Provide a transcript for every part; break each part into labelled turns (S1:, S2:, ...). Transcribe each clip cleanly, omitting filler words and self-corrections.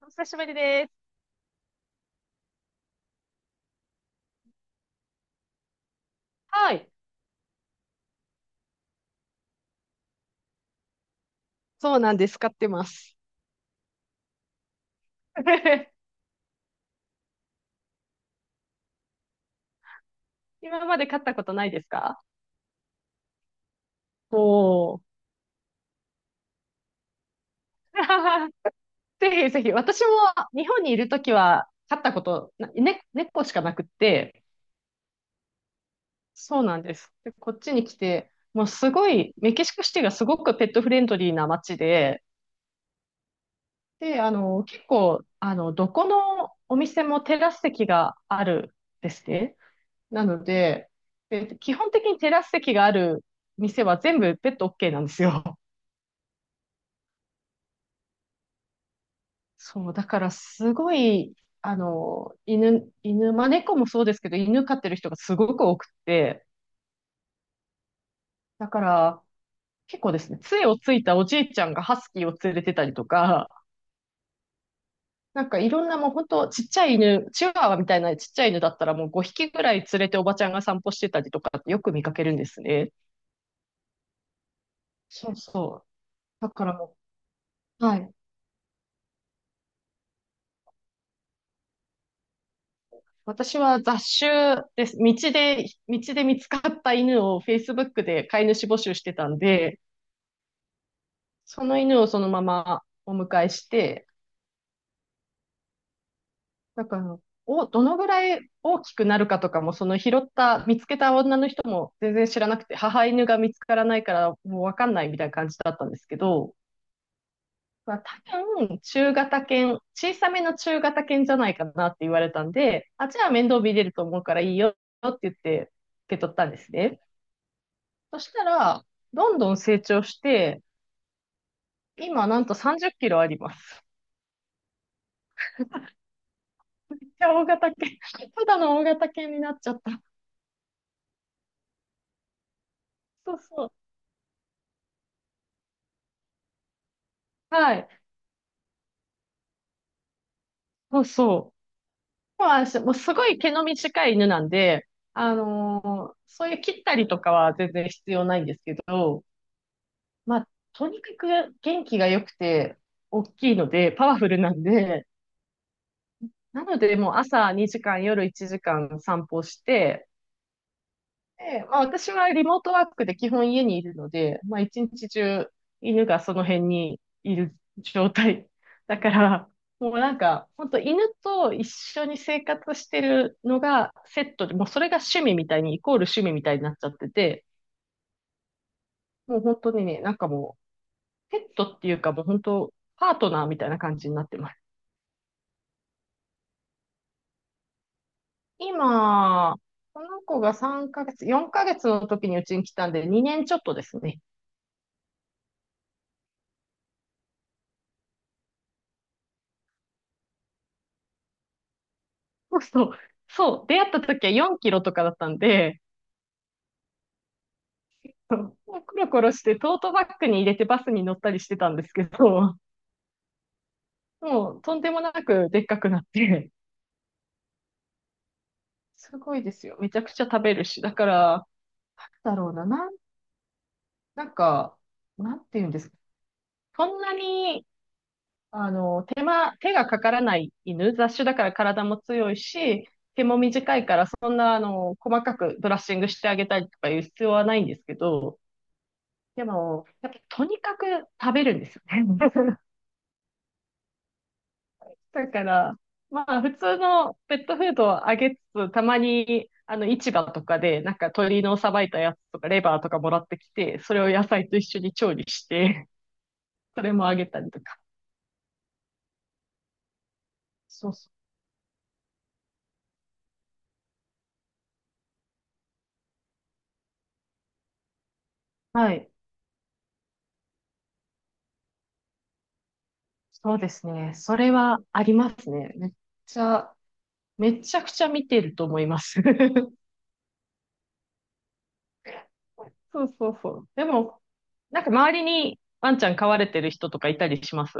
S1: お久しぶりです。はい。そうなんです。買ってます。今まで買ったことないですか？おー。ぜひぜひ。私も日本にいるときは買ったことな、ね、猫しかなくって、そうなんです。で、こっちに来て、もうすごい、メキシコシティがすごくペットフレンドリーな街で、で、結構、どこのお店もテラス席があるんですね。なので、基本的にテラス席がある店は全部ペット OK なんですよ。そう、だからすごい、犬、まあ、猫もそうですけど、犬飼ってる人がすごく多くて、だから結構ですね、杖をついたおじいちゃんがハスキーを連れてたりとか、なんかいろんなもう本当ちっちゃい犬、チワワみたいなちっちゃい犬だったらもう5匹ぐらい連れておばちゃんが散歩してたりとかよく見かけるんですね。そうそう。だからもう、はい。私は雑種です。道で見つかった犬を Facebook で飼い主募集してたんで、その犬をそのままお迎えして、だから、どのぐらい大きくなるかとかも、その拾った、見つけた女の人も全然知らなくて、母犬が見つからないからもうわかんないみたいな感じだったんですけど、まあ、多分、中型犬、小さめの中型犬じゃないかなって言われたんで、あ、じゃあ面倒見れると思うからいいよって言って受け取ったんですね。そしたら、どんどん成長して、今なんと30キロあります。めっちゃ大型犬。ただの大型犬になっちゃった。そうそう。はい。そうそう。もうすごい毛の短い犬なんで、あのそういう切ったりとかは全然必要ないんですけど、まあ、とにかく元気が良くて、大きいので、パワフルなんで、なのでもう朝2時間、夜1時間散歩して、で、まあ私はリモートワークで基本家にいるので、まあ一日中犬がその辺にいる状態。だから、もうなんか、本当犬と一緒に生活してるのがセットで、もうそれが趣味みたいに、イコール趣味みたいになっちゃってて、もう本当にね、なんかもう、ペットっていうかもう本当、パートナーみたいな感じになってます。今、この子が3ヶ月、4ヶ月の時にうちに来たんで、2年ちょっとですね。そうそう。そう。出会った時は4キロとかだったんで、そうコロコロしてトートバッグに入れてバスに乗ったりしてたんですけど、もうとんでもなくでっかくなって、すごいですよ。めちゃくちゃ食べるし。だから、なんだろうな、なん、なんか、なんて言うんですか？そんなに、手がかからない犬、雑種だから体も強いし、毛も短いから、そんな、あの、細かくブラッシングしてあげたりとかいう必要はないんですけど、でも、やっぱとにかく食べるんですよね。だから、まあ普通のペットフードをあげつつ、たまに市場とかでなんか鶏のさばいたやつとかレバーとかもらってきて、それを野菜と一緒に調理して、それもあげたりとか。そうそう。はい。そうですね。それはありますね。ちゃ、めちゃくちゃ見てると思います。そうそうそう。でも、なんか周りにワンちゃん飼われてる人とかいたりします？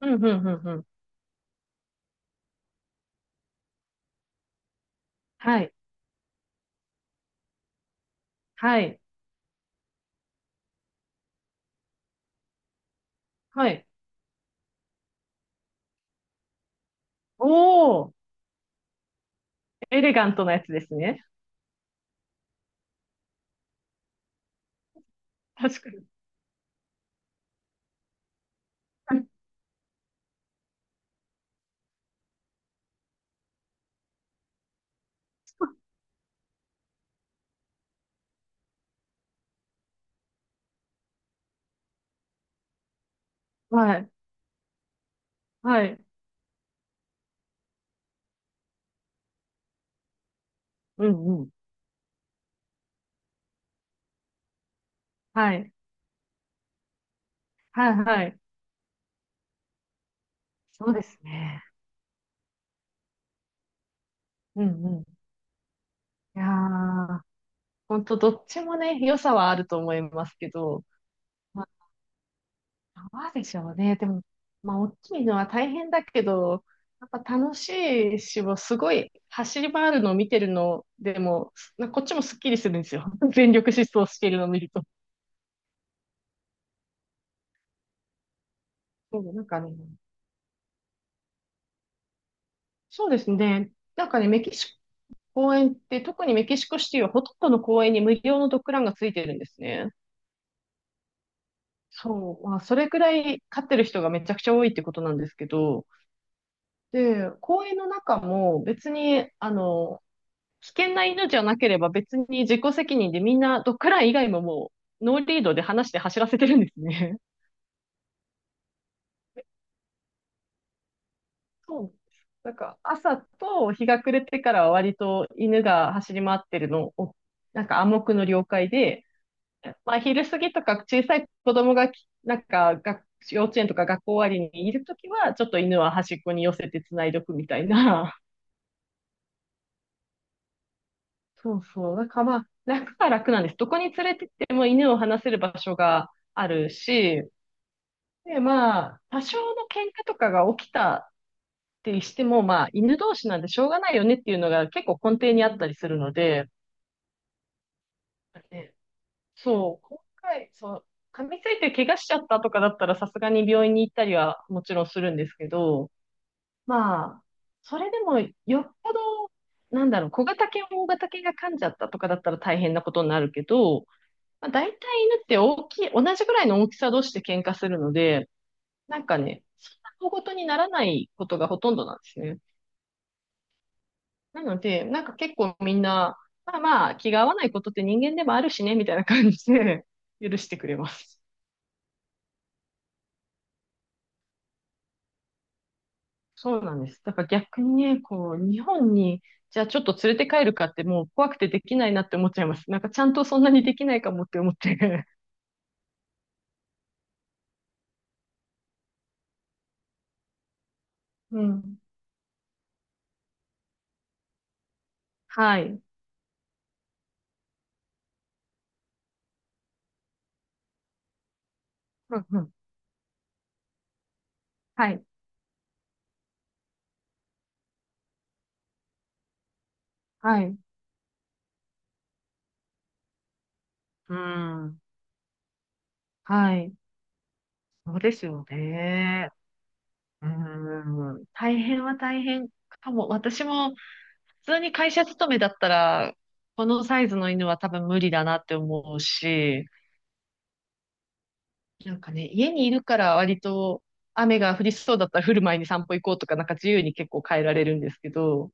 S1: うんうんうん。はい。はい。はい。おー、エレガントなやつですね。確かに。はい。はい。うんうん。はい。はい。はい。そうですね。うんうん。いやー、ほんとどっちもね、良さはあると思いますけど、まあ、どうでしょうね。でも、まあ、大きいのは大変だけど、やっぱ楽しいし、もうすごい走り回るのを見てるのでも、こっちもすっきりするんですよ。全力疾走しているのを見ると。そうなんかねそうですね。なんかね、メキシコ公園って、特にメキシコシティはほとんどの公園に無料のドッグランがついてるんですね。そう。まあ、それくらい飼ってる人がめちゃくちゃ多いってことなんですけど、で、公園の中も別に、危険な犬じゃなければ別に自己責任でみんなドッグラン以外もうノーリードで話して走らせてるんですね。そうです。なんか朝と日が暮れてからは割と犬が走り回ってるのを、なんか暗黙の了解で、まあ、昼過ぎとか小さい子供がき、なんか、学幼稚園とか学校終わりにいるときは、ちょっと犬は端っこに寄せて繋いどくみたいな。そうそう。なんかまあ、楽は楽なんです。どこに連れてっても犬を離せる場所があるし、で、まあ、多少の喧嘩とかが起きたってしても、まあ、犬同士なんでしょうがないよねっていうのが結構根底にあったりするので、ね、そう、今回、そう、噛みついて怪我しちゃったとかだったらさすがに病院に行ったりはもちろんするんですけど、まあ、それでもよっぽど、なんだろう、小型犬、大型犬が噛んじゃったとかだったら大変なことになるけど、まあ、大体犬って大きい、同じぐらいの大きさ同士で喧嘩するので、なんかね、そんな小事にならないことがほとんどなんですね。なので、なんか結構みんな、まあまあ、気が合わないことって人間でもあるしね、みたいな感じで許してくれます。そうなんです。だから逆にね、こう、日本に、じゃあちょっと連れて帰るかってもう怖くてできないなって思っちゃいます。なんかちゃんとそんなにできないかもって思って。うん。はい。うんうん。はい。はい。うん。はい。そうですよね。うん。大変は大変かも。私も普通に会社勤めだったら、このサイズの犬は多分無理だなって思うし、なんかね、家にいるから割と雨が降りそうだったら降る前に散歩行こうとか、なんか自由に結構変えられるんですけど、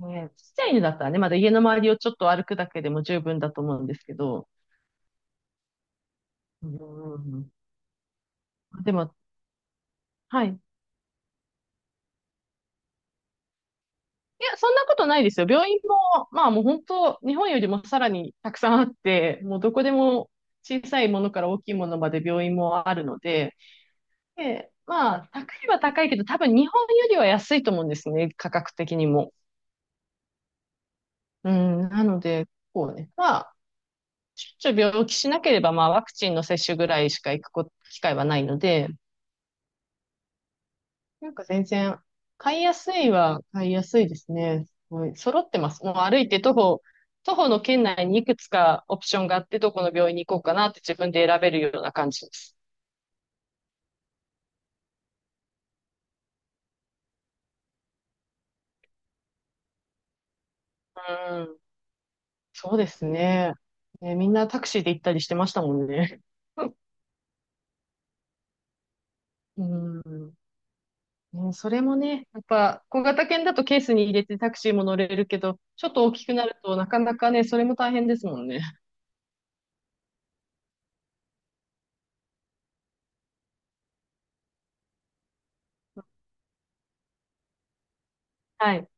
S1: ね、ちっちゃい犬だったらね、まだ家の周りをちょっと歩くだけでも十分だと思うんですけど、うん、でも、はい。いや、そんなことないですよ。病院も、まあもう本当、日本よりもさらにたくさんあって、もうどこでも小さいものから大きいものまで病院もあるので、で、まあ、高いは高いけど、多分日本よりは安いと思うんですね、価格的にも。うん、なので、こうね、まあ、ちょっと病気しなければ、まあ、ワクチンの接種ぐらいしか行くこ機会はないので、なんか全然、買いやすいは買いやすいですね。すごい揃ってます。もう歩いて徒歩、徒歩の圏内にいくつかオプションがあって、どこの病院に行こうかなって自分で選べるような感じです。うん、そうですね。ね、みんなタクシーで行ったりしてましたもんね。うん。もうそれもね、やっぱ小型犬だとケースに入れてタクシーも乗れるけど、ちょっと大きくなるとなかなかね、それも大変ですもんね。はい。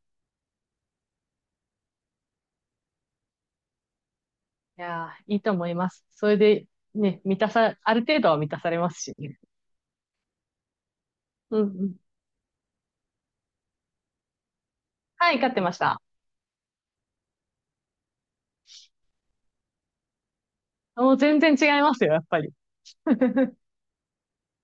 S1: いやー、いいと思います。それでね、満たさ、ある程度は満たされますしね。うんうん。はい、飼ってました。もう全然違いますよ、やっぱり。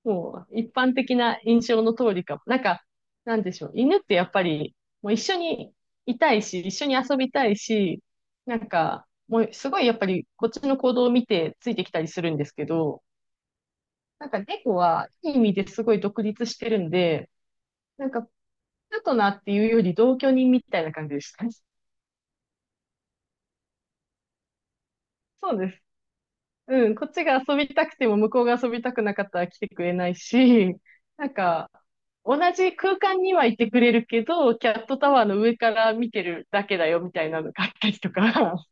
S1: もう一般的な印象の通りかも。なんか、なんでしょう。犬ってやっぱり、もう一緒にいたいし、一緒に遊びたいし、なんか、もうすごいやっぱりこっちの行動を見てついてきたりするんですけど、なんか猫はいい意味ですごい独立してるんで、なんかパートナーっていうより同居人みたいな感じでした。そうです。うん、こっちが遊びたくても向こうが遊びたくなかったら来てくれないし、なんか、同じ空間にはいてくれるけど、キャットタワーの上から見てるだけだよみたいなのがあったりとか。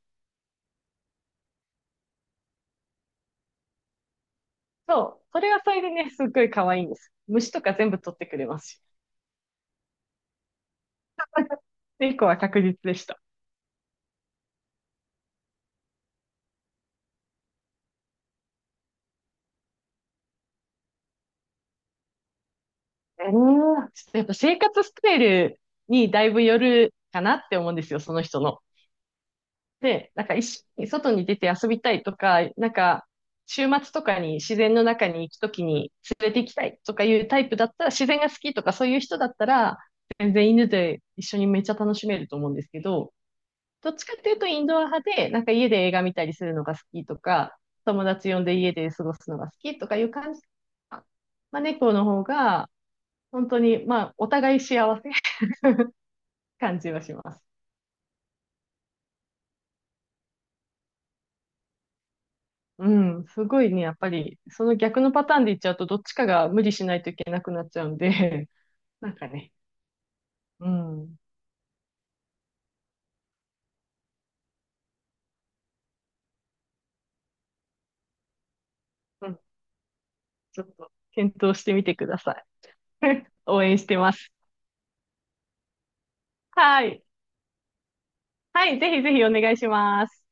S1: そう、それはそれでね、すっごい可愛いんです。虫とか全部取ってくれますし。猫は確実でした。えー、ちょっとやっぱ生活スタイルにだいぶよるかなって思うんですよ、その人の。で、なんか一緒に外に出て遊びたいとか、なんか週末とかに自然の中に行くときに連れて行きたいとかいうタイプだったら、自然が好きとかそういう人だったら、全然犬で一緒にめっちゃ楽しめると思うんですけど、どっちかっていうとインドア派で、なんか家で映画見たりするのが好きとか、友達呼んで家で過ごすのが好きとかいう感じ。まあ、猫の方が、本当に、まあ、お互い幸せ 感じはします。うん、すごいね、やっぱり、その逆のパターンでいっちゃうと、どっちかが無理しないといけなくなっちゃうんで、なんかね、うん、うん、ちょっと検討してみてください。応援してます。はい。はい、ぜひぜひお願いします。